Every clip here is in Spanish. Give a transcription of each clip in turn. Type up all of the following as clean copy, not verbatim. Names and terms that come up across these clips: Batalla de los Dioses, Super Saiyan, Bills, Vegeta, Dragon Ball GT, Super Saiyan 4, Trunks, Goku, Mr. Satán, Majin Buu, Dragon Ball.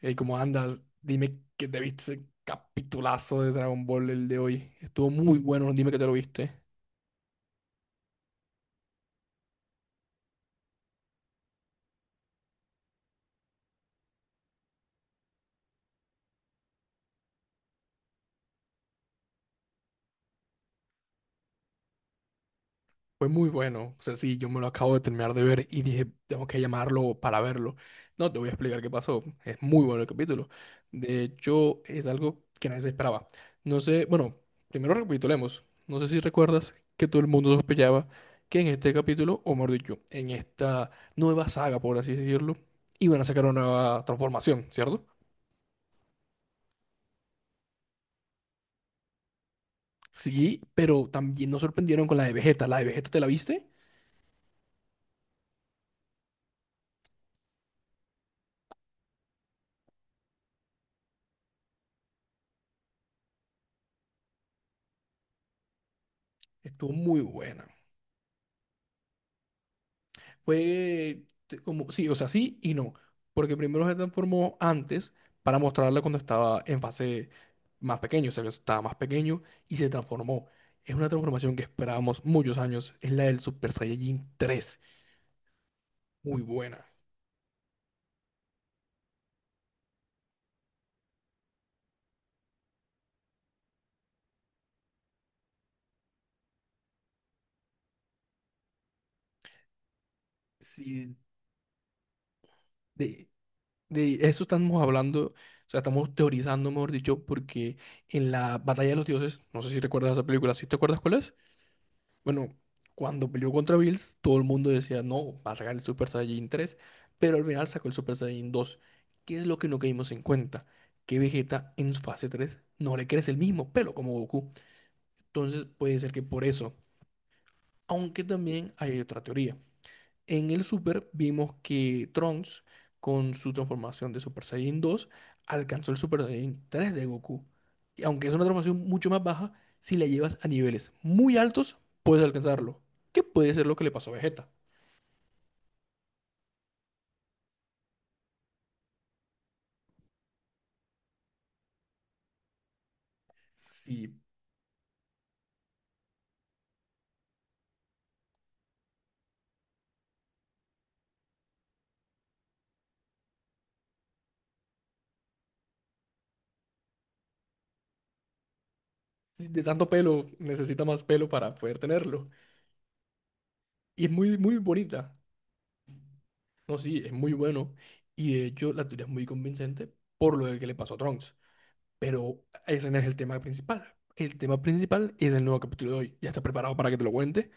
Hey, ¿cómo andas? Dime que te viste ese capitulazo de Dragon Ball el de hoy. Estuvo muy bueno, dime que te lo viste. Fue muy bueno. O sea, sí, yo me lo acabo de terminar de ver y dije, tengo que llamarlo para verlo. No, te voy a explicar qué pasó. Es muy bueno el capítulo. De hecho, es algo que nadie se esperaba. No sé, bueno, primero recapitulemos. No sé si recuerdas que todo el mundo sospechaba que en este capítulo, o mejor dicho, en esta nueva saga, por así decirlo, iban a sacar una nueva transformación, ¿cierto? Sí, pero también nos sorprendieron con la de Vegeta. La de Vegeta, ¿te la viste? Estuvo muy buena. Fue como, sí, o sea, sí y no. Porque primero se transformó antes para mostrarla cuando estaba en fase más pequeño, o sea, que estaba más pequeño y se transformó. Es una transformación que esperábamos muchos años. Es la del Super Saiyajin tres. Muy buena. Sí, de, de eso estamos hablando, o sea, estamos teorizando, mejor dicho, porque en la Batalla de los Dioses, no sé si recuerdas esa película, ¿sí te acuerdas cuál es? Bueno, cuando peleó contra Bills, todo el mundo decía, no, va a sacar el Super Saiyajin tres, pero al final sacó el Super Saiyajin dos. ¿Qué es lo que no caímos en cuenta? Que Vegeta en su fase 3 no le crece el mismo pelo como Goku. Entonces puede ser que por eso. Aunque también hay otra teoría. En el Super vimos que Trunks, con su transformación de Super Saiyan 2, alcanzó el Super Saiyan 3 de Goku. Y aunque es una transformación mucho más baja, si la llevas a niveles muy altos, puedes alcanzarlo. Que puede ser lo que le pasó a Vegeta. Si, si de tanto pelo necesita más pelo para poder tenerlo. Y es muy, muy bonita. No, sí, es muy bueno. Y de hecho, la teoría es muy convincente por lo de que le pasó a Trunks. Pero ese no es el tema principal. El tema principal es el nuevo capítulo de hoy. ¿Ya estás preparado para que te lo cuente?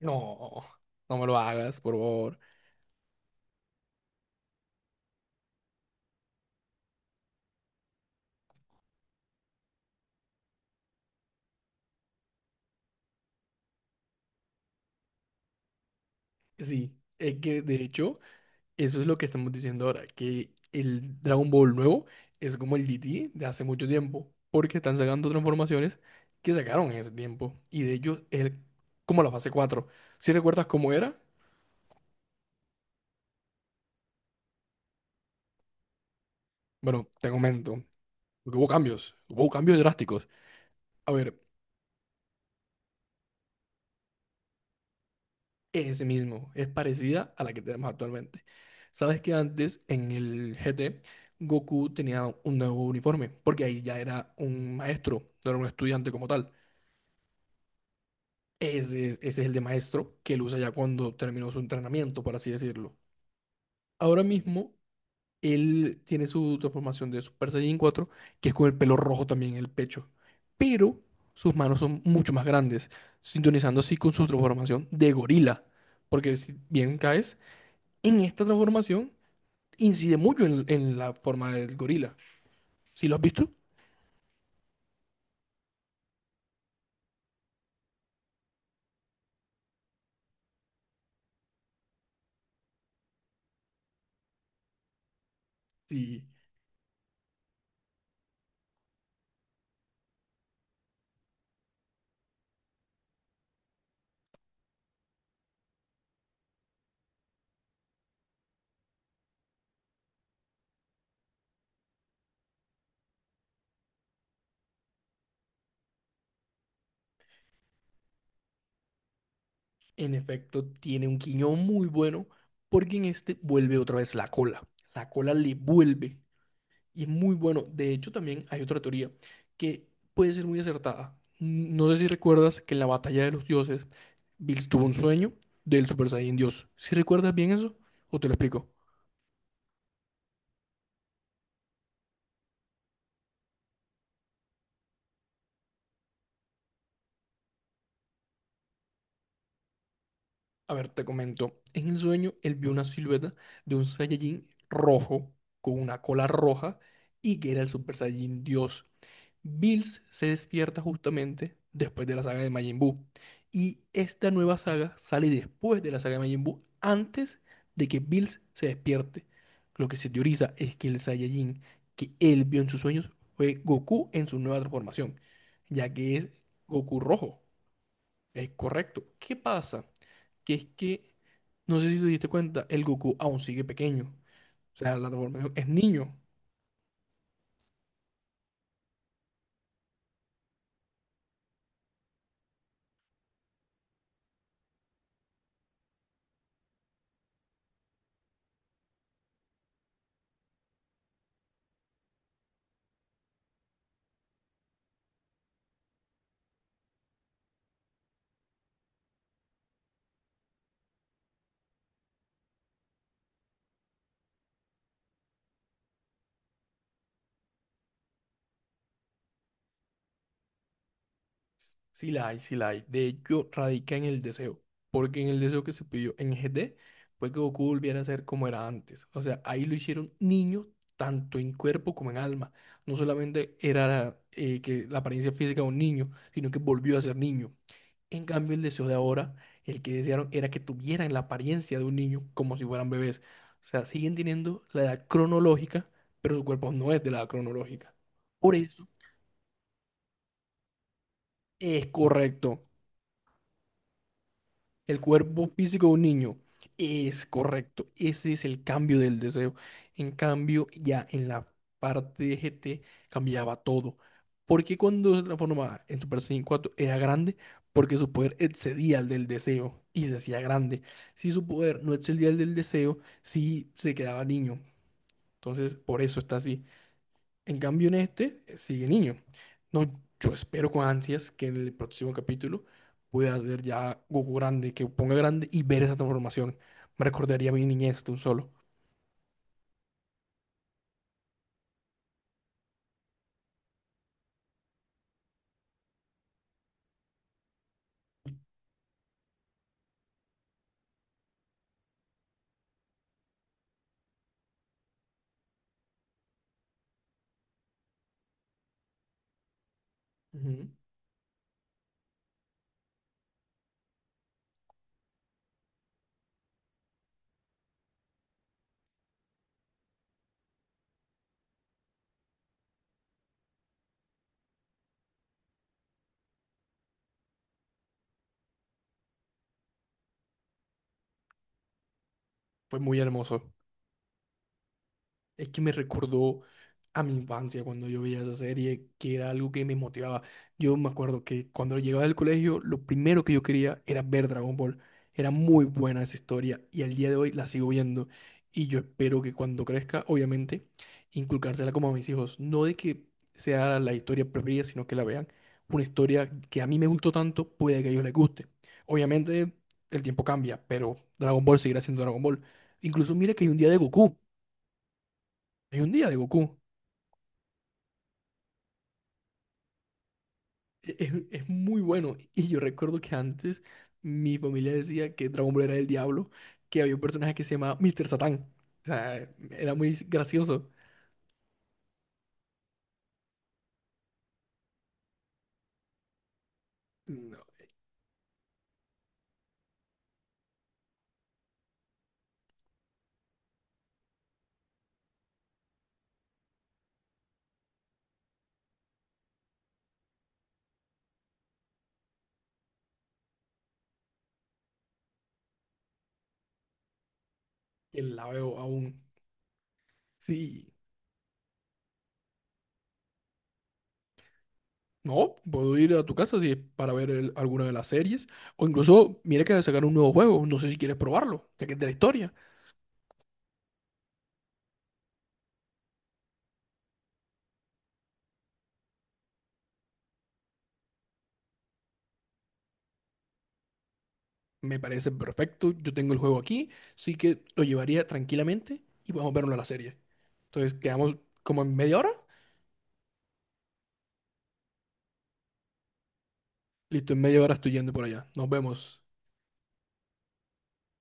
No, no me lo hagas, por favor. Sí, es que de hecho, eso es lo que estamos diciendo ahora, que el Dragon Ball nuevo es como el GT de hace mucho tiempo, porque están sacando transformaciones que sacaron en ese tiempo. Y de como la fase cuatro. ¿Si recuerdas cómo era? Bueno, te comento, porque hubo cambios drásticos. A ver, es ese mismo, es parecida a la que tenemos actualmente. Sabes que antes en el GT Goku tenía un nuevo uniforme, porque ahí ya era un maestro, no era un estudiante como tal. Ese es el de maestro que él usa ya cuando terminó su entrenamiento, por así decirlo. Ahora mismo él tiene su transformación de Super Saiyan cuatro que es con el pelo rojo también en el pecho, pero sus manos son mucho más grandes, sintonizando así con su transformación de gorila, porque si bien caes en esta transformación incide mucho en la forma del gorila. ¿Sí lo has visto? Sí, en efecto, tiene un quiñón muy bueno porque en este vuelve otra vez la cola. La cola le vuelve y es muy bueno. De hecho, también hay otra teoría que puede ser muy acertada. No sé si recuerdas que en la batalla de los dioses, Bills tuvo un sueño del Super Saiyan Dios. ¿Si recuerdas bien eso? ¿O te lo explico? A ver, te comento. En el sueño, él vio una silueta de un Saiyajin rojo con una cola roja y que era el Super Saiyajin Dios. Bills se despierta justamente después de la saga de Majin Buu. Y esta nueva saga sale después de la saga de Majin Buu, antes de que Bills se despierte. Lo que se teoriza es que el Saiyajin que él vio en sus sueños fue Goku en su nueva transformación, ya que es Goku rojo. Es correcto. ¿Qué pasa? Que es que, no sé si te diste cuenta, el Goku aún sigue pequeño. O sea, la transformación es niño. Sí la hay, sí la hay. De hecho, radica en el deseo. Porque en el deseo que se pidió en G GT fue que Goku volviera a ser como era antes. O sea, ahí lo hicieron niño tanto en cuerpo como en alma. No solamente era que la apariencia física de un niño, sino que volvió a ser niño. En cambio, el deseo de ahora, el que desearon era que tuvieran la apariencia de un niño como si fueran bebés. O sea, siguen teniendo la edad cronológica, pero su cuerpo no es de la edad cronológica. Por eso es correcto. El cuerpo físico de un niño es correcto. Ese es el cambio del deseo. En cambio, ya en la parte de GT cambiaba todo. Porque cuando se transformaba en Super Saiyan 4 era grande porque su poder excedía al del deseo y se hacía grande. Si su poder no excedía al del deseo, sí se quedaba niño. Entonces, por eso está así. En cambio, en este sigue niño. No, yo espero con ansias que en el próximo capítulo pueda ser ya Goku grande, que ponga grande y ver esa transformación. Me recordaría a mi niñez de un solo. Ujú. Fue muy hermoso. Es que me recordó a mi infancia cuando yo veía esa serie, que era algo que me motivaba. Yo me acuerdo que cuando llegaba del colegio, lo primero que yo quería era ver Dragon Ball. Era muy buena esa historia y al día de hoy la sigo viendo. Y yo espero que cuando crezca, obviamente, inculcársela como a mis hijos. No de que sea la historia preferida, sino que la vean. Una historia que a mí me gustó tanto, puede que a ellos les guste. Obviamente, el tiempo cambia, pero Dragon Ball seguirá siendo Dragon Ball. Incluso mira que hay un día de Goku. Hay un día de Goku. Es muy bueno. Y yo recuerdo que antes mi familia decía que Dragon Ball era el diablo, que había un personaje que se llamaba Mr. Satán. O sea, era muy gracioso. No, que la veo aún. Sí. No, puedo ir a tu casa si es para ver alguna de las series. O incluso, mira que sacar un nuevo juego. No sé si quieres probarlo, ya que es de la historia. Me parece perfecto. Yo tengo el juego aquí. Así que lo llevaría tranquilamente y podemos verlo en la serie. Entonces, quedamos como en media hora. Listo, en media hora estoy yendo por allá. Nos vemos.